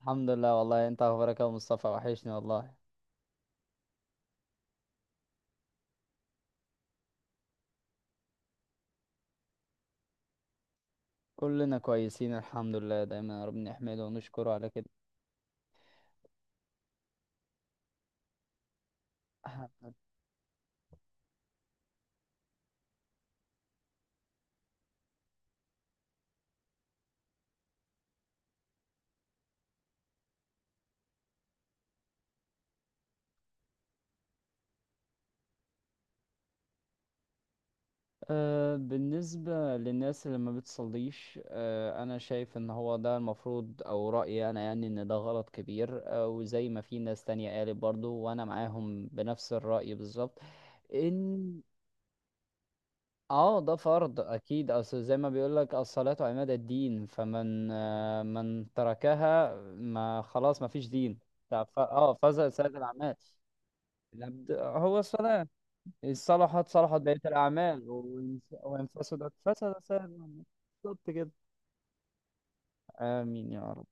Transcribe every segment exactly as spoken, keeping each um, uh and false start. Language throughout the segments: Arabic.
الحمد لله، والله انت اخبارك يا أبو مصطفى؟ وحشني والله. كلنا كويسين الحمد لله، دايما ربنا يحمده ونشكره على كده. أه، بالنسبة للناس اللي ما بتصليش، أه انا شايف ان هو ده المفروض او رأيي انا يعني ان ده غلط كبير، أه وزي ما في ناس تانية قالت برضو وانا معاهم بنفس الرأي بالظبط. إن اه ده فرض اكيد، اصل زي ما بيقول لك الصلاة عماد الدين، فمن آه، من تركها ما خلاص ما فيش دين. ف- اه فزع سائر الاعمال العبد هو الصلاة. إن صلحت صلحت بقية الاعمال، وإن وإن فسدت فسد سائر الاعمال. بالظبط كده. امين يا رب.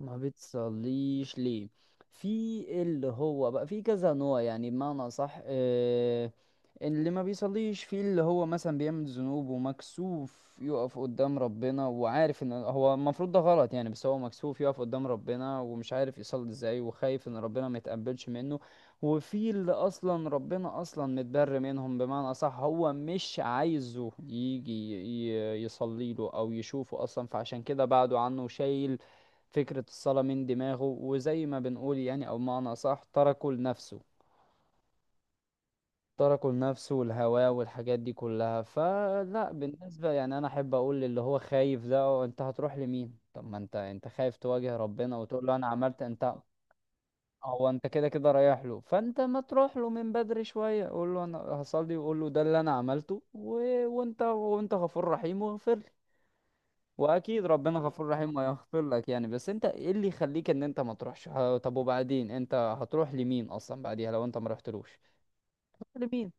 ما بتصليش ليه؟ في اللي هو بقى في كذا نوع يعني، بمعنى صح آه. اللي ما بيصليش في اللي هو مثلا بيعمل ذنوب ومكسوف يقف قدام ربنا وعارف ان هو المفروض ده غلط يعني، بس هو مكسوف يقف قدام ربنا ومش عارف يصلي ازاي وخايف ان ربنا ما يتقبلش منه. وفي اللي اصلا ربنا اصلا متبر منهم بمعنى صح، هو مش عايزه يجي يصلي له او يشوفه اصلا، فعشان كده بعده عنه شايل فكرة الصلاة من دماغه. وزي ما بنقول يعني أو معنى أصح تركه لنفسه. تركه لنفسه والهواه والحاجات دي كلها. فلا، بالنسبة يعني أنا أحب أقول للي هو خايف ده: "أه، أنت هتروح لمين؟ طب ما أنت أنت خايف تواجه ربنا وتقول له أنا عملت أنت أه، هو أنت كده كده رايح له، فأنت ما تروح له من بدري شوية؟ قول له أنا هصلي، وقول له ده اللي أنا عملته و... وأنت، وأنت غفور رحيم واغفر لي. واكيد ربنا غفور رحيم ويغفر لك يعني، بس انت ايه اللي يخليك ان انت ما تروحش ه- طب؟ وبعدين انت هتروح لمين اصلا بعديها لو انت ما رحتلوش؟ هتروح لمين؟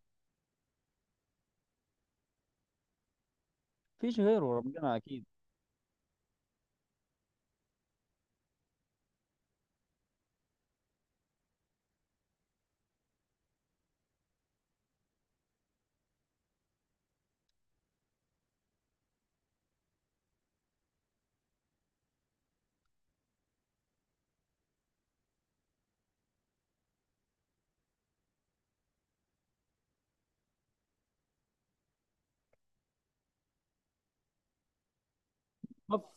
مفيش غيره ربنا اكيد. مف-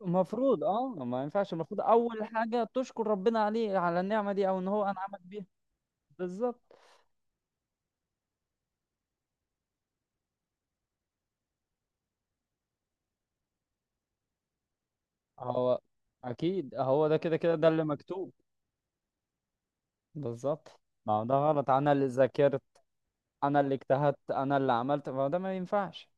مفروض اه ما ينفعش، المفروض اول حاجه تشكر ربنا عليه على النعمه دي او ان هو انعمك بيها. بالظبط. هو اكيد هو ده كده كده ده اللي مكتوب. بالظبط، ما هو ده غلط. انا اللي ذاكرت، انا اللي اجتهدت، انا اللي عملت. ما هو ده ما ينفعش.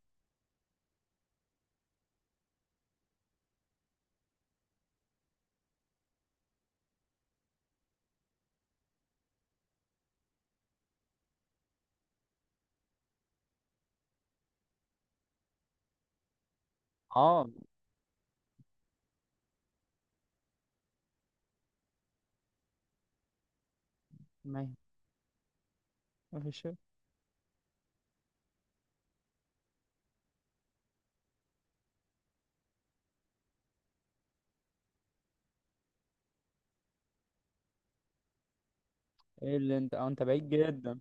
اه ما ما فيش شيء. ايه اللي انت اه انت بعيد جدا.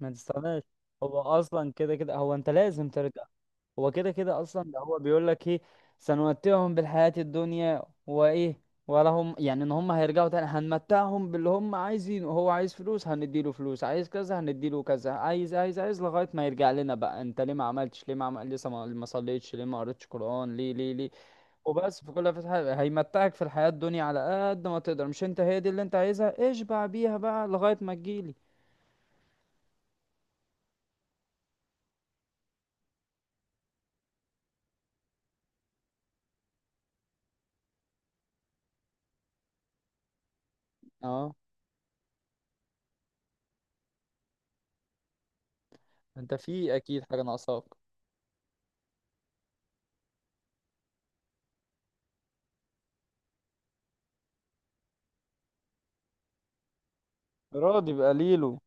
ما تستغناش. هو اصلا كده كده، هو انت لازم ترجع. هو كده كده اصلا ده هو بيقول لك ايه؟ سنمتعهم بالحياة الدنيا وايه، ولا هم يعني، ان هم هيرجعوا تاني هنمتعهم باللي هم عايزينه. هو عايز فلوس هنديله فلوس، عايز كذا هنديله كذا، عايز عايز عايز لغاية ما يرجع لنا. بقى انت ليه ما عملتش؟ ليه ما عمل لسه، ما ما صليتش ليه؟ ما قريتش قرآن ليه؟ ليه ليه؟ وبس في كل فتحة هيمتعك في الحياة الدنيا على قد ما تقدر، مش انت هي دي اللي انت عايزها؟ اشبع بيها بقى لغاية ما تجيلي. اه انت في اكيد حاجة ناقصاك. راضي بقى ليلو.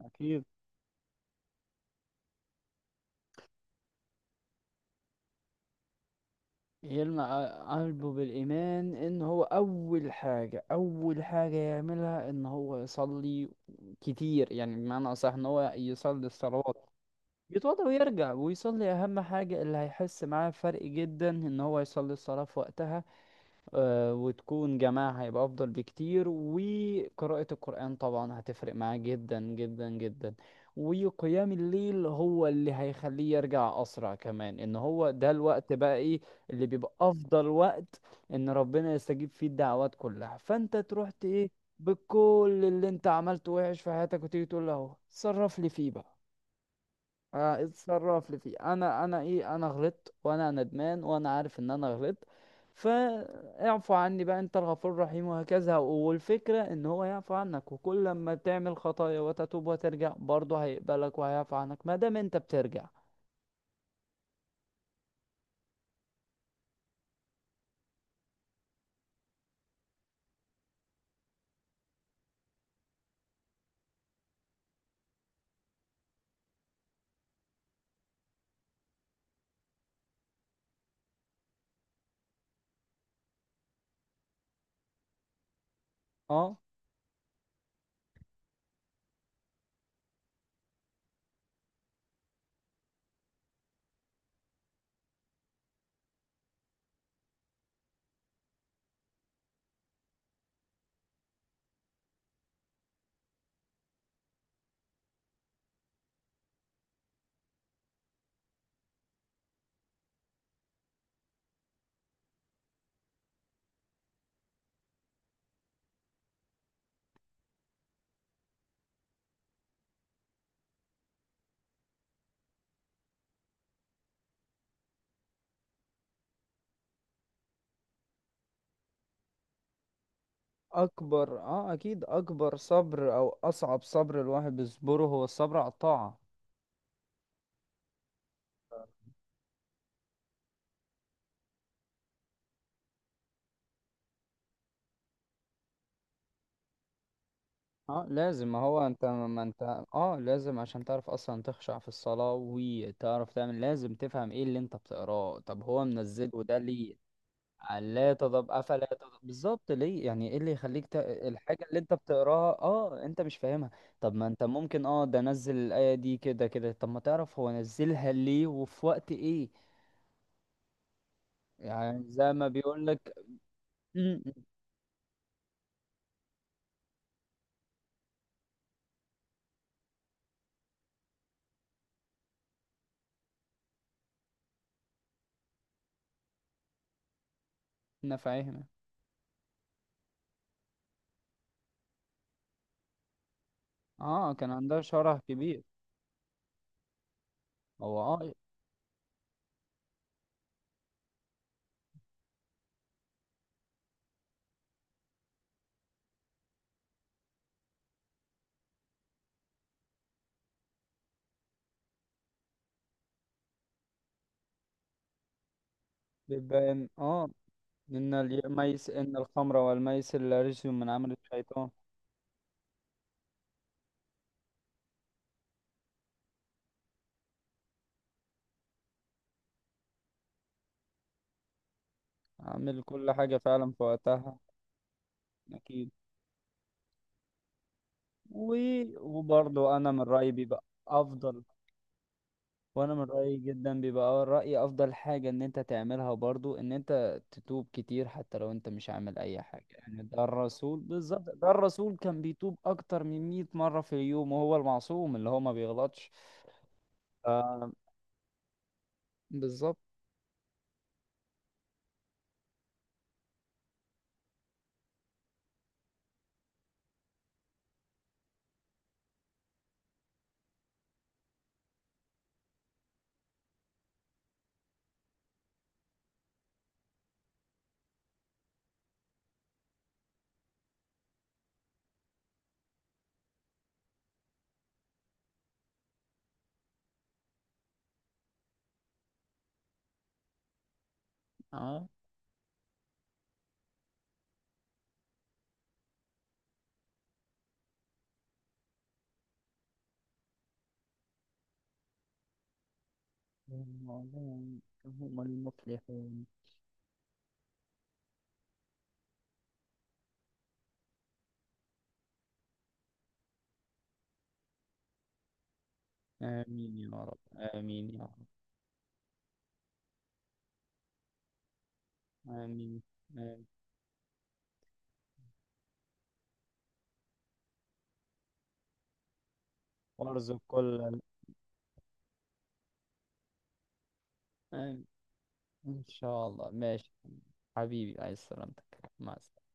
اكيد يلمع قلبه بالإيمان. إن هو أول حاجة أول حاجة يعملها إن هو يصلي كتير يعني، بمعنى أصح إن هو يصلي الصلوات. يتوضى ويرجع ويصلي. أهم حاجة اللي هيحس معاه فرق جدا إن هو يصلي الصلاة في وقتها، آه، وتكون جماعة هيبقى أفضل بكتير. وقراءة القرآن طبعا هتفرق معاه جدا جدا جدا. وقيام الليل هو اللي هيخليه يرجع أسرع كمان، إن هو ده الوقت بقى إيه اللي بيبقى أفضل وقت إن ربنا يستجيب فيه الدعوات كلها. فأنت تروح ت- إيه بكل اللي أنت عملته وحش في حياتك، وتيجي تقول له اهو، صرف لي فيه بقى. آه، اتصرف لي فيه، انا انا ايه انا غلطت وانا ندمان وانا عارف ان انا غلطت. فاعفو عني بقى انت الغفور الرحيم وهكذا. والفكرة ان هو يعفو عنك، وكل لما تعمل خطايا وتتوب وترجع برضه هيقبلك وهيعفو عنك ما دام انت بترجع. اه اكبر، اه اكيد اكبر صبر او اصعب صبر الواحد بيصبره هو الصبر على الطاعة. اه لازم، ما هو انت ما انت اه لازم عشان تعرف اصلا تخشع في الصلاة وتعرف تعمل، لازم تفهم ايه اللي انت بتقراه. طب هو منزله ده ليه؟ لا تضب افلا تضب بالظبط، ليه؟ يعني ايه اللي يخليك ت... الحاجة اللي انت بتقراها اه انت مش فاهمها؟ طب ما انت ممكن اه ده نزل الآية دي كده كده، طب ما تعرف هو نزلها ليه وفي وقت ايه. يعني زي ما بيقول لك انا فاهم. اه كان عندها شرح كبير. هو اه بيبان اه إن الميس إن الخمر والميسر رجس من عمل الشيطان. عامل كل حاجة فعلا في وقتها. أكيد. و... وبرضه أنا من رأيي بيبقى أفضل. وأنا من رأيي جدا بيبقى رأيي أفضل حاجة إن أنت تعملها برضه إن أنت تتوب كتير حتى لو أنت مش عامل أي حاجة. يعني ده الرسول بالظبط، ده الرسول كان بيتوب أكتر من مية مرة في اليوم وهو المعصوم اللي هو ما بيغلطش. ف- بالظبط. اه هم المفلحون. آمين يا رب. آمين يا رب. آمين. آمين. وارزق كل. آمين. إن شاء الله ماشي. حبيبي عايز سلامتك، مع السلامة.